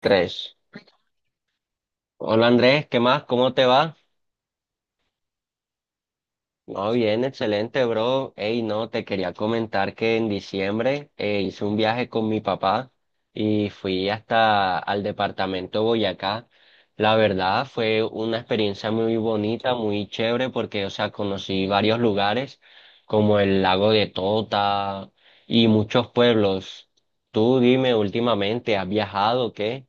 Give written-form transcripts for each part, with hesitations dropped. Tres. Hola Andrés, ¿qué más? ¿Cómo te va? No, bien, excelente, bro. Ey, no, te quería comentar que en diciembre hice un viaje con mi papá y fui hasta al departamento Boyacá. La verdad fue una experiencia muy bonita, muy chévere, porque, o sea, conocí varios lugares como el lago de Tota y muchos pueblos. Tú dime, últimamente, ¿has viajado? ¿O qué?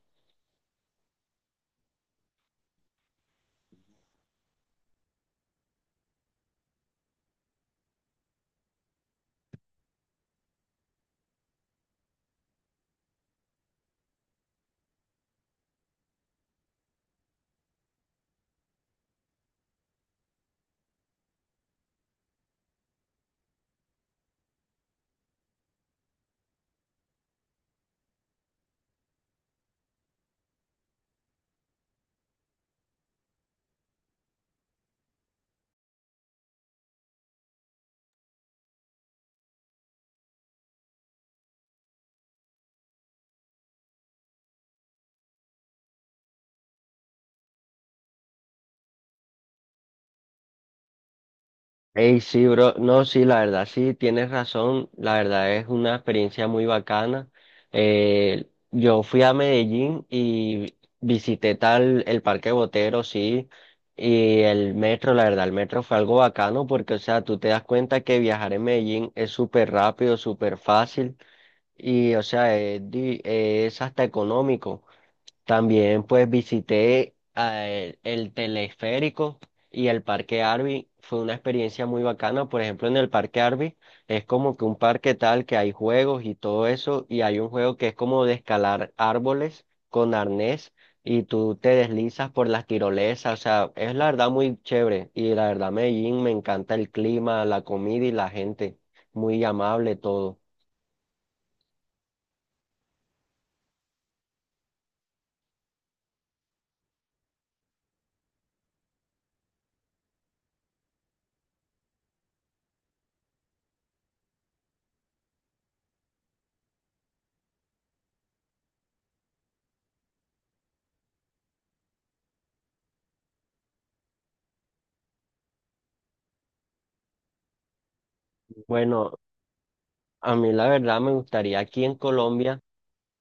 Ey, sí, bro. No, sí, la verdad, sí, tienes razón. La verdad es una experiencia muy bacana. Yo fui a Medellín y visité tal el Parque Botero, sí, y el metro, la verdad, el metro fue algo bacano porque, o sea, tú te das cuenta que viajar en Medellín es súper rápido, súper fácil y, o sea, es, es hasta económico. También pues visité el teleférico y el Parque Arby. Fue una experiencia muy bacana. Por ejemplo, en el Parque Arby es como que un parque tal que hay juegos y todo eso. Y hay un juego que es como de escalar árboles con arnés y tú te deslizas por las tirolesas. O sea, es la verdad muy chévere. Y la verdad, Medellín, me encanta el clima, la comida y la gente. Muy amable todo. Bueno, a mí la verdad me gustaría aquí en Colombia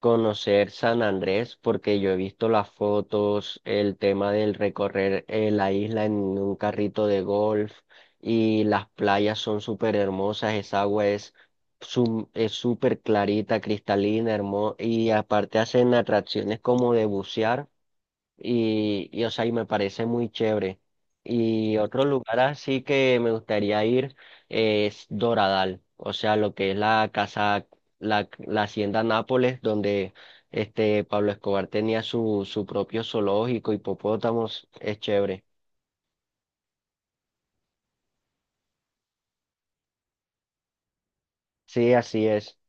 conocer San Andrés, porque yo he visto las fotos, el tema del recorrer la isla en un carrito de golf, y las playas son súper hermosas, esa agua es es súper clarita, cristalina, hermosa, y aparte hacen atracciones como de bucear y, o sea, y me parece muy chévere. Y otro lugar así que me gustaría ir es Doradal, o sea, lo que es la casa, la hacienda Nápoles, donde este Pablo Escobar tenía su propio zoológico, hipopótamos, es chévere. Sí, así es.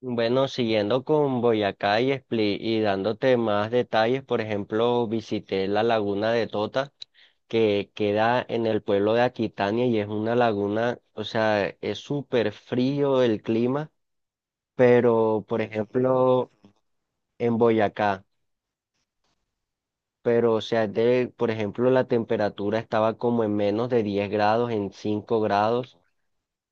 Bueno, siguiendo con Boyacá y Split y dándote más detalles, por ejemplo, visité la laguna de Tota, que queda en el pueblo de Aquitania, y es una laguna, o sea, es súper frío el clima, pero por ejemplo en Boyacá, pero o sea, de, por ejemplo la temperatura estaba como en menos de 10 grados, en 5 grados,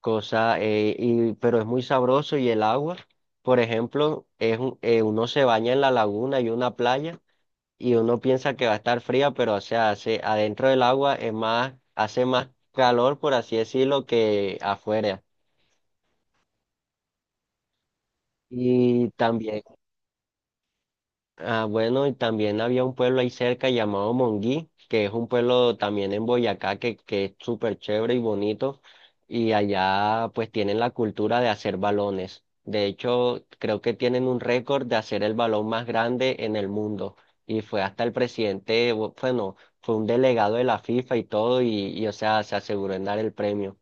cosa, y, pero es muy sabroso y el agua, por ejemplo, es, uno se baña en la laguna y una playa, y uno piensa que va a estar fría, pero o sea, hace, adentro del agua es más, hace más calor, por así decirlo, que afuera. Y también... Ah, bueno, y también había un pueblo ahí cerca llamado Monguí, que es un pueblo también en Boyacá que es súper chévere y bonito. Y allá pues tienen la cultura de hacer balones. De hecho, creo que tienen un récord de hacer el balón más grande en el mundo. Y fue hasta el presidente, bueno, fue un delegado de la FIFA y todo, y o sea, se aseguró en dar el premio.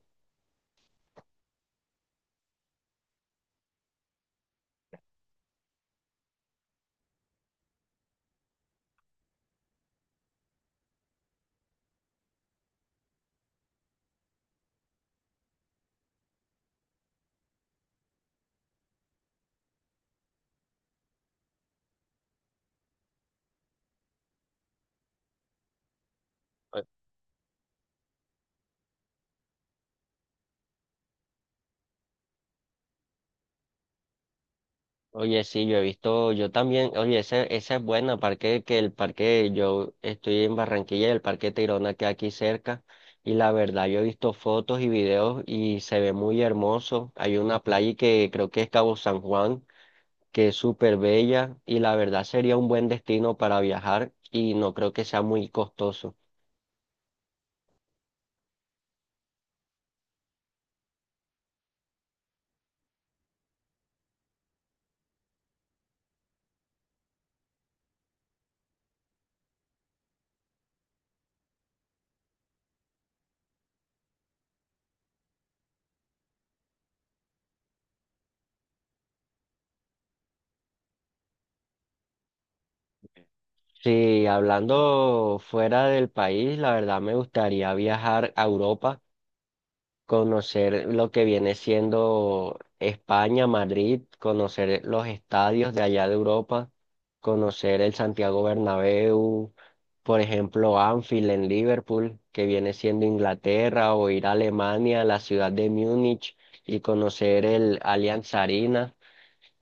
Oye, sí, yo he visto, yo también, oye, esa es buena, parque, que el parque, yo estoy en Barranquilla y el parque Tayrona que aquí cerca, y la verdad, yo he visto fotos y videos y se ve muy hermoso. Hay una playa que creo que es Cabo San Juan, que es súper bella, y la verdad sería un buen destino para viajar, y no creo que sea muy costoso. Sí, hablando fuera del país, la verdad me gustaría viajar a Europa, conocer lo que viene siendo España, Madrid, conocer los estadios de allá de Europa, conocer el Santiago Bernabéu, por ejemplo, Anfield en Liverpool, que viene siendo Inglaterra, o ir a Alemania, a la ciudad de Múnich y conocer el Allianz Arena,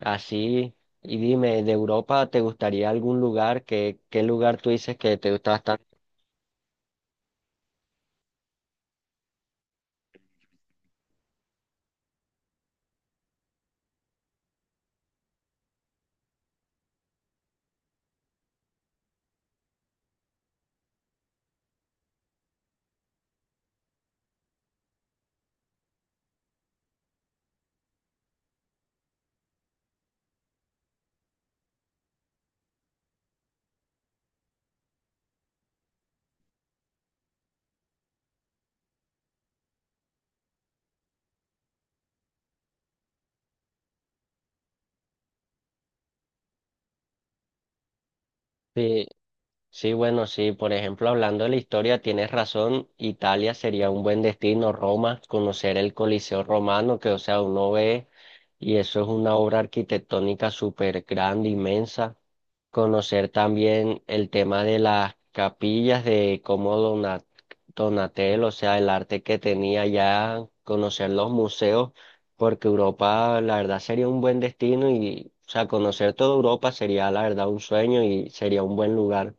así. Y dime, ¿de Europa te gustaría algún lugar? ¿Qué, qué lugar tú dices que te gusta bastante? Sí, bueno, sí, por ejemplo, hablando de la historia, tienes razón, Italia sería un buen destino, Roma, conocer el Coliseo romano, que o sea, uno ve y eso es una obra arquitectónica súper grande, inmensa. Conocer también el tema de las capillas, de cómo Donatello, o sea, el arte que tenía ya, conocer los museos, porque Europa, la verdad, sería un buen destino y, o sea, conocer toda Europa sería, la verdad, un sueño y sería un buen lugar.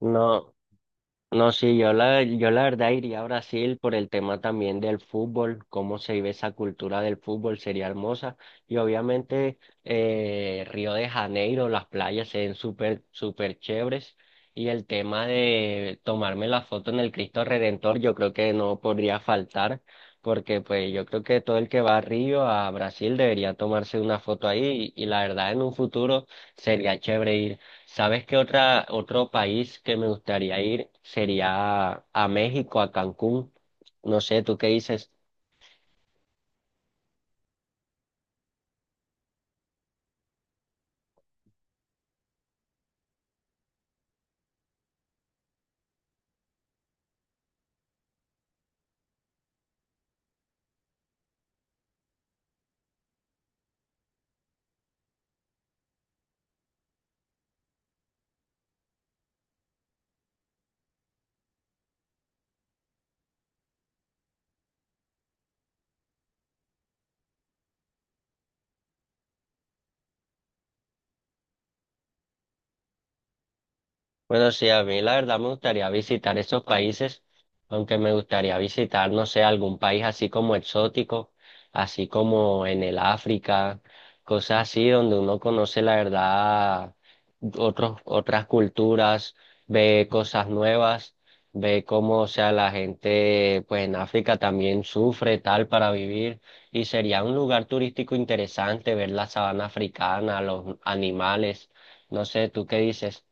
No, no, sí, yo la verdad iría a Brasil por el tema también del fútbol, cómo se vive esa cultura del fútbol, sería hermosa. Y obviamente Río de Janeiro, las playas se ven súper, súper chéveres. Y el tema de tomarme la foto en el Cristo Redentor, yo creo que no podría faltar, porque pues yo creo que todo el que va a Río, a Brasil, debería tomarse una foto ahí. Y la verdad, en un futuro sería chévere ir. ¿Sabes qué otra, otro país que me gustaría ir sería a México, a Cancún? No sé, ¿tú qué dices? Bueno, sí, a mí la verdad me gustaría visitar esos países, aunque me gustaría visitar, no sé, algún país así como exótico, así como en el África, cosas así donde uno conoce la verdad otras culturas, ve cosas nuevas, ve cómo, o sea, la gente, pues en África también sufre tal para vivir, y sería un lugar turístico interesante ver la sabana africana, los animales, no sé, ¿tú qué dices?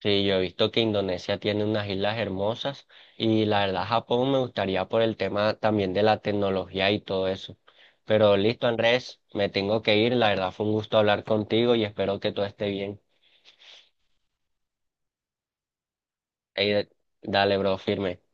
Sí, yo he visto que Indonesia tiene unas islas hermosas y la verdad Japón me gustaría por el tema también de la tecnología y todo eso. Pero listo, Andrés, me tengo que ir. La verdad fue un gusto hablar contigo y espero que todo esté bien. Ey, dale, bro, firme.